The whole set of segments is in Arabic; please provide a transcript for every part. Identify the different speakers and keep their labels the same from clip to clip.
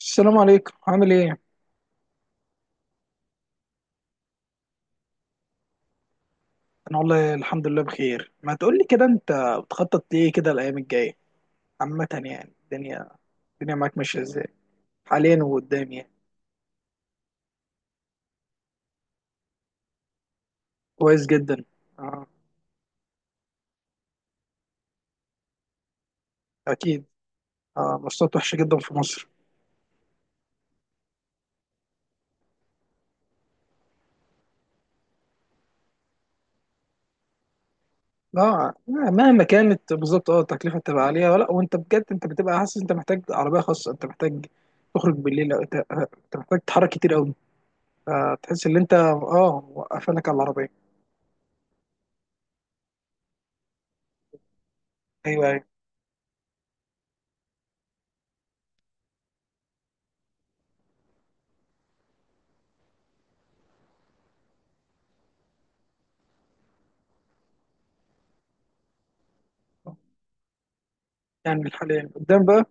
Speaker 1: السلام عليكم، عامل ايه؟ انا والله الحمد لله بخير. ما تقولي كده انت، بتخطط ليه كده الايام الجاية عامة؟ يعني الدنيا معاك ماشية ازاي حاليا وقدام يعني؟ كويس جدا. اه، اكيد. اه، مواصلات وحشة جدا في مصر. لا مهما كانت، بالظبط، اه التكلفة بتبقى عالية. ولا وانت بجد انت بتبقى حاسس انت محتاج عربية خاصة، انت محتاج تخرج بالليل، أو انت محتاج تتحرك كتير قوي، فتحس ان انت اه وقفلك على العربية. ايوه، ايوه. يعني حاليا قدام بقى.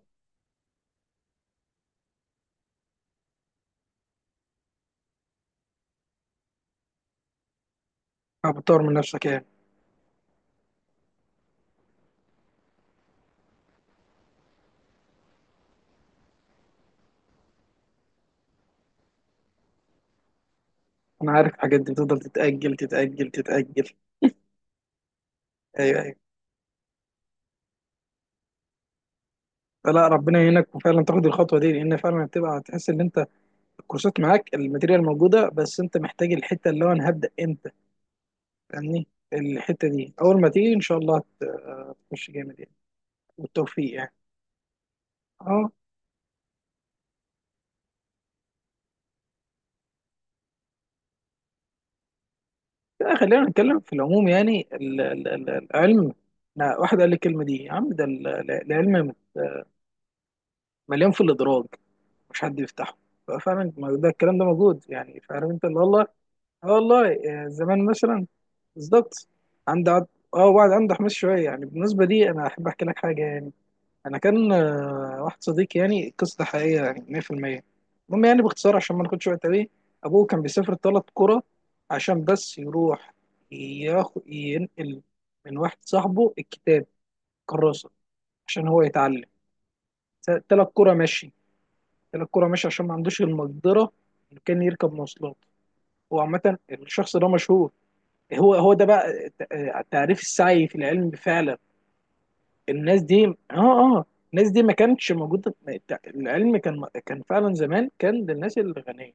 Speaker 1: بتطور من نفسك يعني. انا عارف الحاجات دي بتفضل تتاجل تتاجل. ايوه، ايوه. فلا ربنا يعينك وفعلا تاخد الخطوه دي، لان فعلا هتبقى هتحس ان انت الكورسات معاك، الماتيريال موجوده، بس انت محتاج الحته اللي هو انا هبدا امتى. فاهمني الحته دي اول ما تيجي ان شاء الله هتخش جامد يعني، والتوفيق يعني. اه. لا، خلينا نتكلم في العموم يعني العلم. لا واحد قال لي الكلمه دي يا عم، ده العلم مليان في الادراج، مش حد يفتحه. ففعلا ما ده الكلام ده موجود يعني. فعارف انت اللي والله. اه والله. زمان مثلا. بالظبط. عندي عض- اه وبعد عنده حماس شويه. يعني بالنسبه لي انا احب احكي لك حاجه يعني. انا كان واحد صديقي، يعني القصه دي حقيقيه يعني 100%. المهم يعني باختصار عشان ما ناخدش وقت قوي، ابوه كان بيسافر ثلاث قرى عشان بس يروح ياخد، ينقل من واحد صاحبه الكتاب، كراسه، عشان هو يتعلم. ثلاث قرى ماشي. ثلاث قرى ماشي عشان ما عندوش المقدره انه كان يركب مواصلات. هو عامه الشخص ده مشهور. هو ده بقى تعريف السعي في العلم فعلا. الناس دي اه. اه، الناس دي ما كانتش موجودة. العلم كان كان فعلا زمان، كان للناس الغنية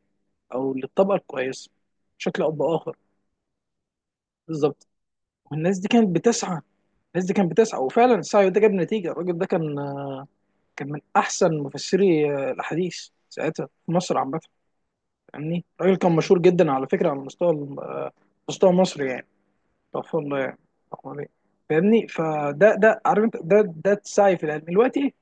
Speaker 1: او للطبقة الكويسة، بشكل او باخر. بالظبط. والناس دي كانت بتسعى. الناس دي كانت بتسعى، وفعلا السعي ده جاب نتيجة. الراجل ده كان كان من احسن مفسري الاحاديث ساعتها في مصر عامة. فاهمني الراجل كان مشهور جدا على فكرة على مستوى، مستوى مصر يعني. استغفر الله يعني. استغفر الله. فاهمني فده عارف انت ده السعي في العلم دلوقتي ايه.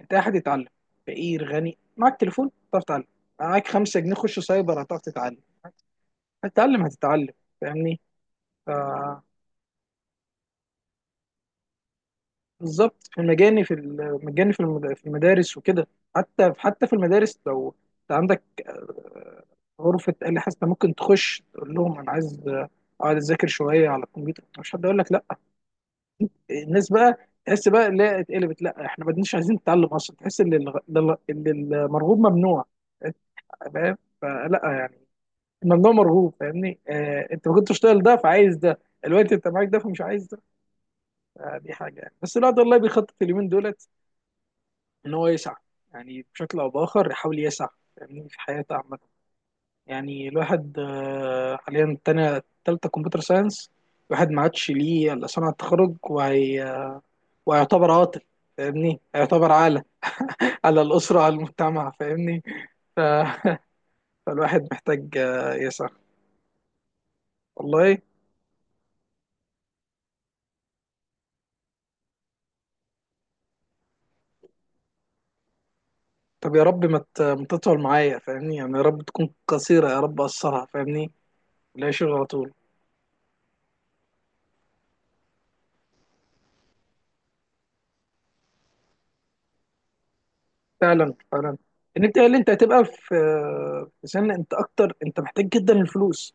Speaker 1: انت احد يتعلم، فقير غني، معاك تليفون تعرف تتعلم، معاك 5 جنيه خش سايبر هتعرف تتعلم. هتتعلم. فاهمني. ف، بالظبط، في المجاني، في المجاني، في المدارس وكده. حتى حتى في المدارس لو انت عندك غرفة آلة حاسة، ممكن تخش تقول لهم انا عايز اقعد اذاكر شوية على الكمبيوتر، مش حد يقول لك لا. الناس بقى تحس بقى اللي هي اتقلبت، لا احنا ما بدناش عايزين نتعلم اصلا، تحس ان ان المرغوب ممنوع. انت فاهم فلا يعني الممنوع مرغوب. فاهمني اه انت ما كنتش تشتغل ده، فعايز ده. الوقت انت معاك ده، فمش عايز ده. آه دي حاجه يعني. بس الواحد والله بيخطط اليومين دولت ان هو يسعى، يعني بشكل او باخر يحاول يسعى، فاهمني في حياته عامه. يعني الواحد حاليا تانية تالتة كمبيوتر ساينس، الواحد ما عادش ليه الا صنعة، تخرج وهي وهيعتبر عاطل. فاهمني هيعتبر عالة على الأسرة، على المجتمع. فاهمني. ف- فالواحد محتاج يسعى. والله طب يا رب ما تطول معايا فاهمني، يعني يا رب تكون قصيرة، يا رب أقصرها فاهمني. لا، شغل على طول. فعلا فعلا إن أنت اللي أنت هتبقى في في سن أنت أكتر أنت محتاج جدا الفلوس.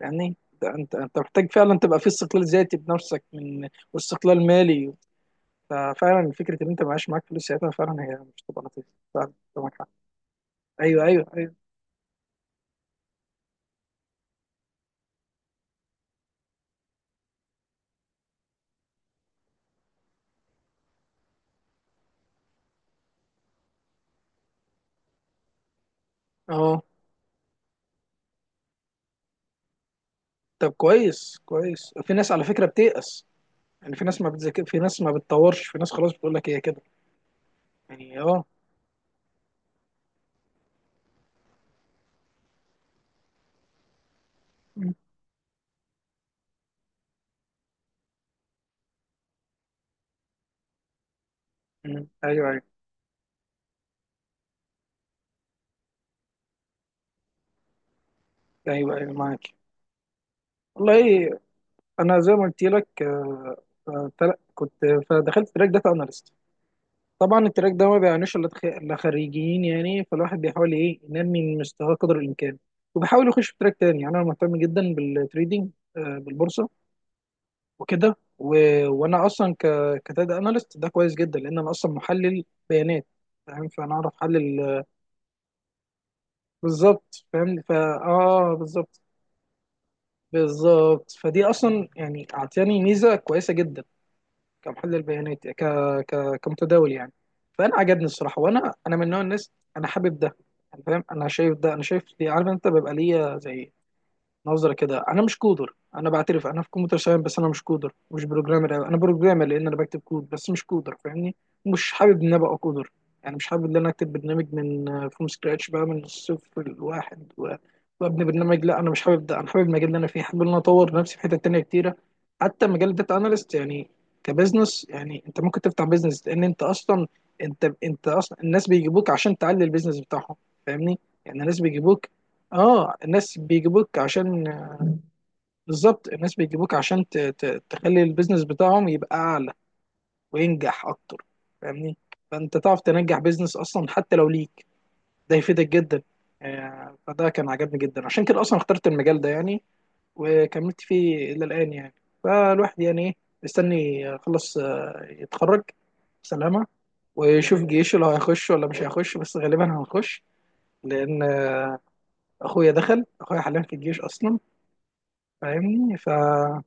Speaker 1: يعني أنت محتاج فعلا تبقى في استقلال ذاتي بنفسك، من واستقلال مالي. ففعلا فكرة إن أنت معاش معاك فلوس ساعتها فعلا هي مش تبقى لطيفة. فعلا أنت معاك حق. أيوه، أيوه، أيوه. أه. طب كويس كويس، في ناس على فكرة بتيأس يعني. في ناس ما بتذاكر، في ناس ما بتطورش، في ناس خلاص بتقول لك هي كده يعني. اه. م- م. ايوه، ايوه، ايوه، ايوه، معاك. والله انا زي ما قلت لك كنت، فدخلت تراك داتا اناليست. طبعا التراك ده ما بيعنيش الا إلا خريجين يعني، فالواحد بيحاول ايه ينمي من مستواه قدر الامكان. وبحاول يخش في تراك تاني. يعني انا مهتم جدا بالتريدينج، بالبورصة وكده و وانا اصلا كداتا اناليست، ده كويس جدا لان انا اصلا محلل بيانات. فاهم فانا اعرف احلل. بالظبط فاهم اه بالظبط. بالظبط فدي اصلا يعني اعطاني ميزه كويسه جدا، كمحلل بيانات، كمتداول يعني. فانا عجبني الصراحه. وانا من نوع الناس، انا حابب ده يعني. فاهم انا شايف ده، انا شايف دي. عارف انت بيبقى ليا زي نظرة كده. انا مش كودر، انا بعترف انا في كمبيوتر ساينس بس انا مش كودر، مش بروجرامر أوي. انا بروجرامر لان انا بكتب كود بس مش كودر فاهمني. مش حابب ان انا ابقى كودر. يعني مش حابب ان انا اكتب برنامج من فروم سكراتش بقى، من الصفر الواحد وابني برنامج. لا انا مش حابب ده. انا حابب المجال اللي انا فيه، حابب ان انا اطور نفسي في حتت تانية كتيرة. حتى مجال الداتا اناليست يعني كبزنس، يعني انت ممكن تفتح بزنس، لان انت اصلا انت اصلا الناس بيجيبوك عشان تعلي البيزنس بتاعهم. فاهمني. يعني الناس بيجيبوك. اه الناس بيجيبوك عشان، بالظبط الناس بيجيبوك عشان تخلي البيزنس بتاعهم يبقى اعلى وينجح اكتر. فاهمني. فانت تعرف تنجح بيزنس اصلا، حتى لو ليك ده يفيدك جدا. فده كان عجبني جدا، عشان كده اصلا اخترت المجال ده يعني، وكملت فيه الى الان يعني. فالواحد يعني ايه، مستني يخلص يتخرج، سلامة، ويشوف جيشه لو هيخش ولا مش هيخش. بس غالبا هنخش، لان اخويا دخل، اخويا حاليا في الجيش اصلا. فاهمني، فبالظبط.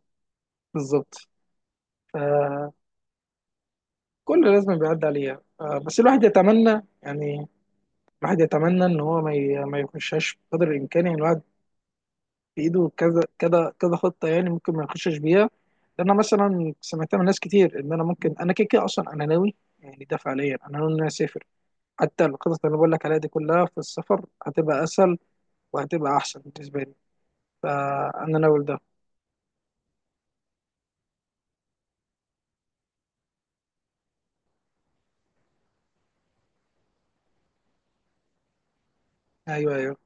Speaker 1: كل لازم بيعدي عليها، بس الواحد يتمنى يعني. الواحد يتمنى ان هو ما يخشش بقدر الامكان. يعني الواحد بايده كذا كذا كذا خطه، يعني ممكن ما يخشش بيها. لان أنا مثلا سمعتها من ناس كتير، ان انا ممكن انا كده كده اصلا انا ناوي يعني، ده فعليا انا ناوي ان انا اسافر. حتى الخطط اللي بقول لك عليها دي كلها في السفر هتبقى اسهل وهتبقى احسن بالنسبه لي. فانا ناوي ده. ايوه، ايوه.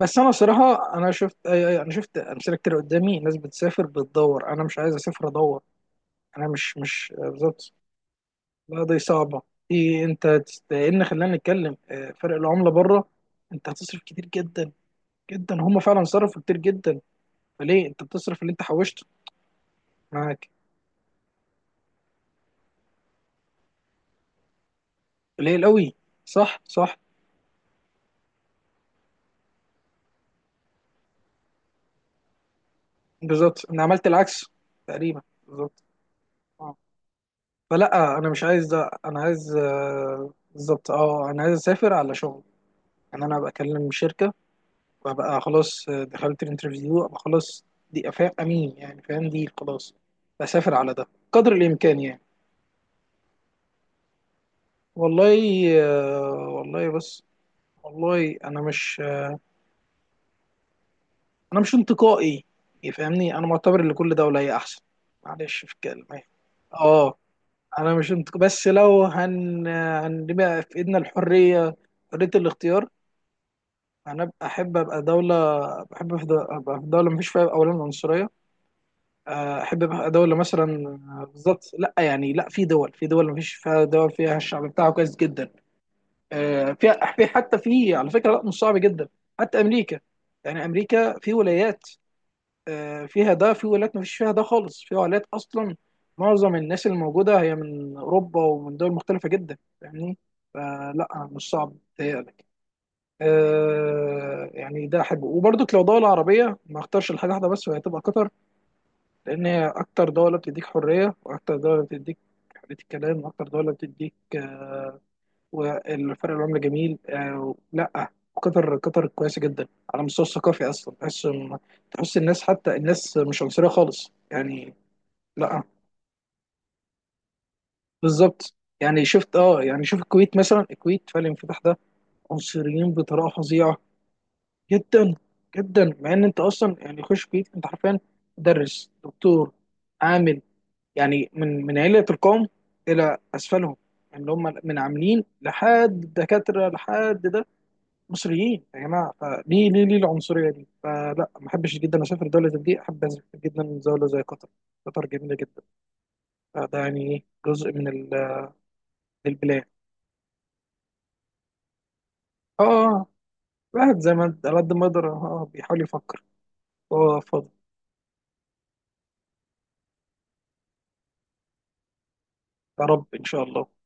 Speaker 1: بس انا صراحه، انا شفت، أيوة أيوة، انا شفت امثله كتير قدامي، ناس بتسافر بتدور. انا مش عايز اسافر ادور. انا مش بالظبط، لا دي صعبه. دي انت لان خلينا نتكلم فرق العمله بره، انت هتصرف كتير جدا جدا. هم فعلا صرفوا كتير جدا. فليه انت بتصرف اللي انت حوشته معاك؟ قليل قوي. صح، صح. بالظبط انا عملت العكس تقريبا، بالظبط. آه. فلا انا مش عايز ده، انا عايز، آه، بالظبط اه انا عايز اسافر على شغل. ان انا بكلم شركه وابقى خلاص دخلت الانترفيو، ابقى خلاص دي امين يعني، فاهم دي خلاص بسافر على ده قدر الامكان يعني. والله والله بس. والله انا مش انا مش انتقائي. يفهمني انا معتبر ان كل دوله هي احسن، معلش في الكلمه. اه انا مش انتق... بس لو هنبقى في ايدنا الحريه، حريه الاختيار، انا احب ابقى دوله. بحب ابقى في دوله مفيش فيها اولا عنصريه. احب بقى دوله مثلا، آه، بالظبط لا يعني، لا، في دول، في دول ما فيش فيها، دول فيها الشعب بتاعه كويس جدا. آه، في في حتى في على فكره، لا مش صعب جدا. حتى امريكا يعني، امريكا في ولايات فيها ده، في ولايات ما فيش فيها ده خالص، في ولايات اصلا معظم الناس اللي موجوده هي من اوروبا ومن دول مختلفه جدا. فاهمني فلا مش صعب تهيألك. يعني ده احبه. وبرضك لو دوله عربيه ما اختارش الحاجه واحده بس، وهي تبقى قطر. لأن هي أكتر دولة بتديك حرية، وأكتر دولة بتديك حرية الكلام، وأكتر دولة بتديك والفرق العملة جميل. لا قطر، قطر كويسة جدا على المستوى الثقافي. أصلا تحس تحس الناس، حتى الناس مش عنصرية خالص يعني. لا، بالظبط. يعني شفت، اه، يعني شوف الكويت مثلا، الكويت فالانفتاح ده عنصريين بطريقة فظيعة جدا جدا. مع إن أنت أصلا يعني خش الكويت أنت حرفيا مدرس، دكتور، عامل، يعني من من علية القوم إلى أسفلهم، يعني اللي هم من عاملين لحد دكاترة لحد ده مصريين يا جماعة. فليه ليه ليه العنصرية دي؟ فلا ما أحبش جدا أسافر دولة زي دي، أحب أسافر جدا دولة زي قطر. قطر جميلة جدا. فده يعني إيه جزء من البلاد. آه. الواحد زي ما على قد ما يقدر آه بيحاول يفكر. هو فاضي. يا رب إن شاء الله.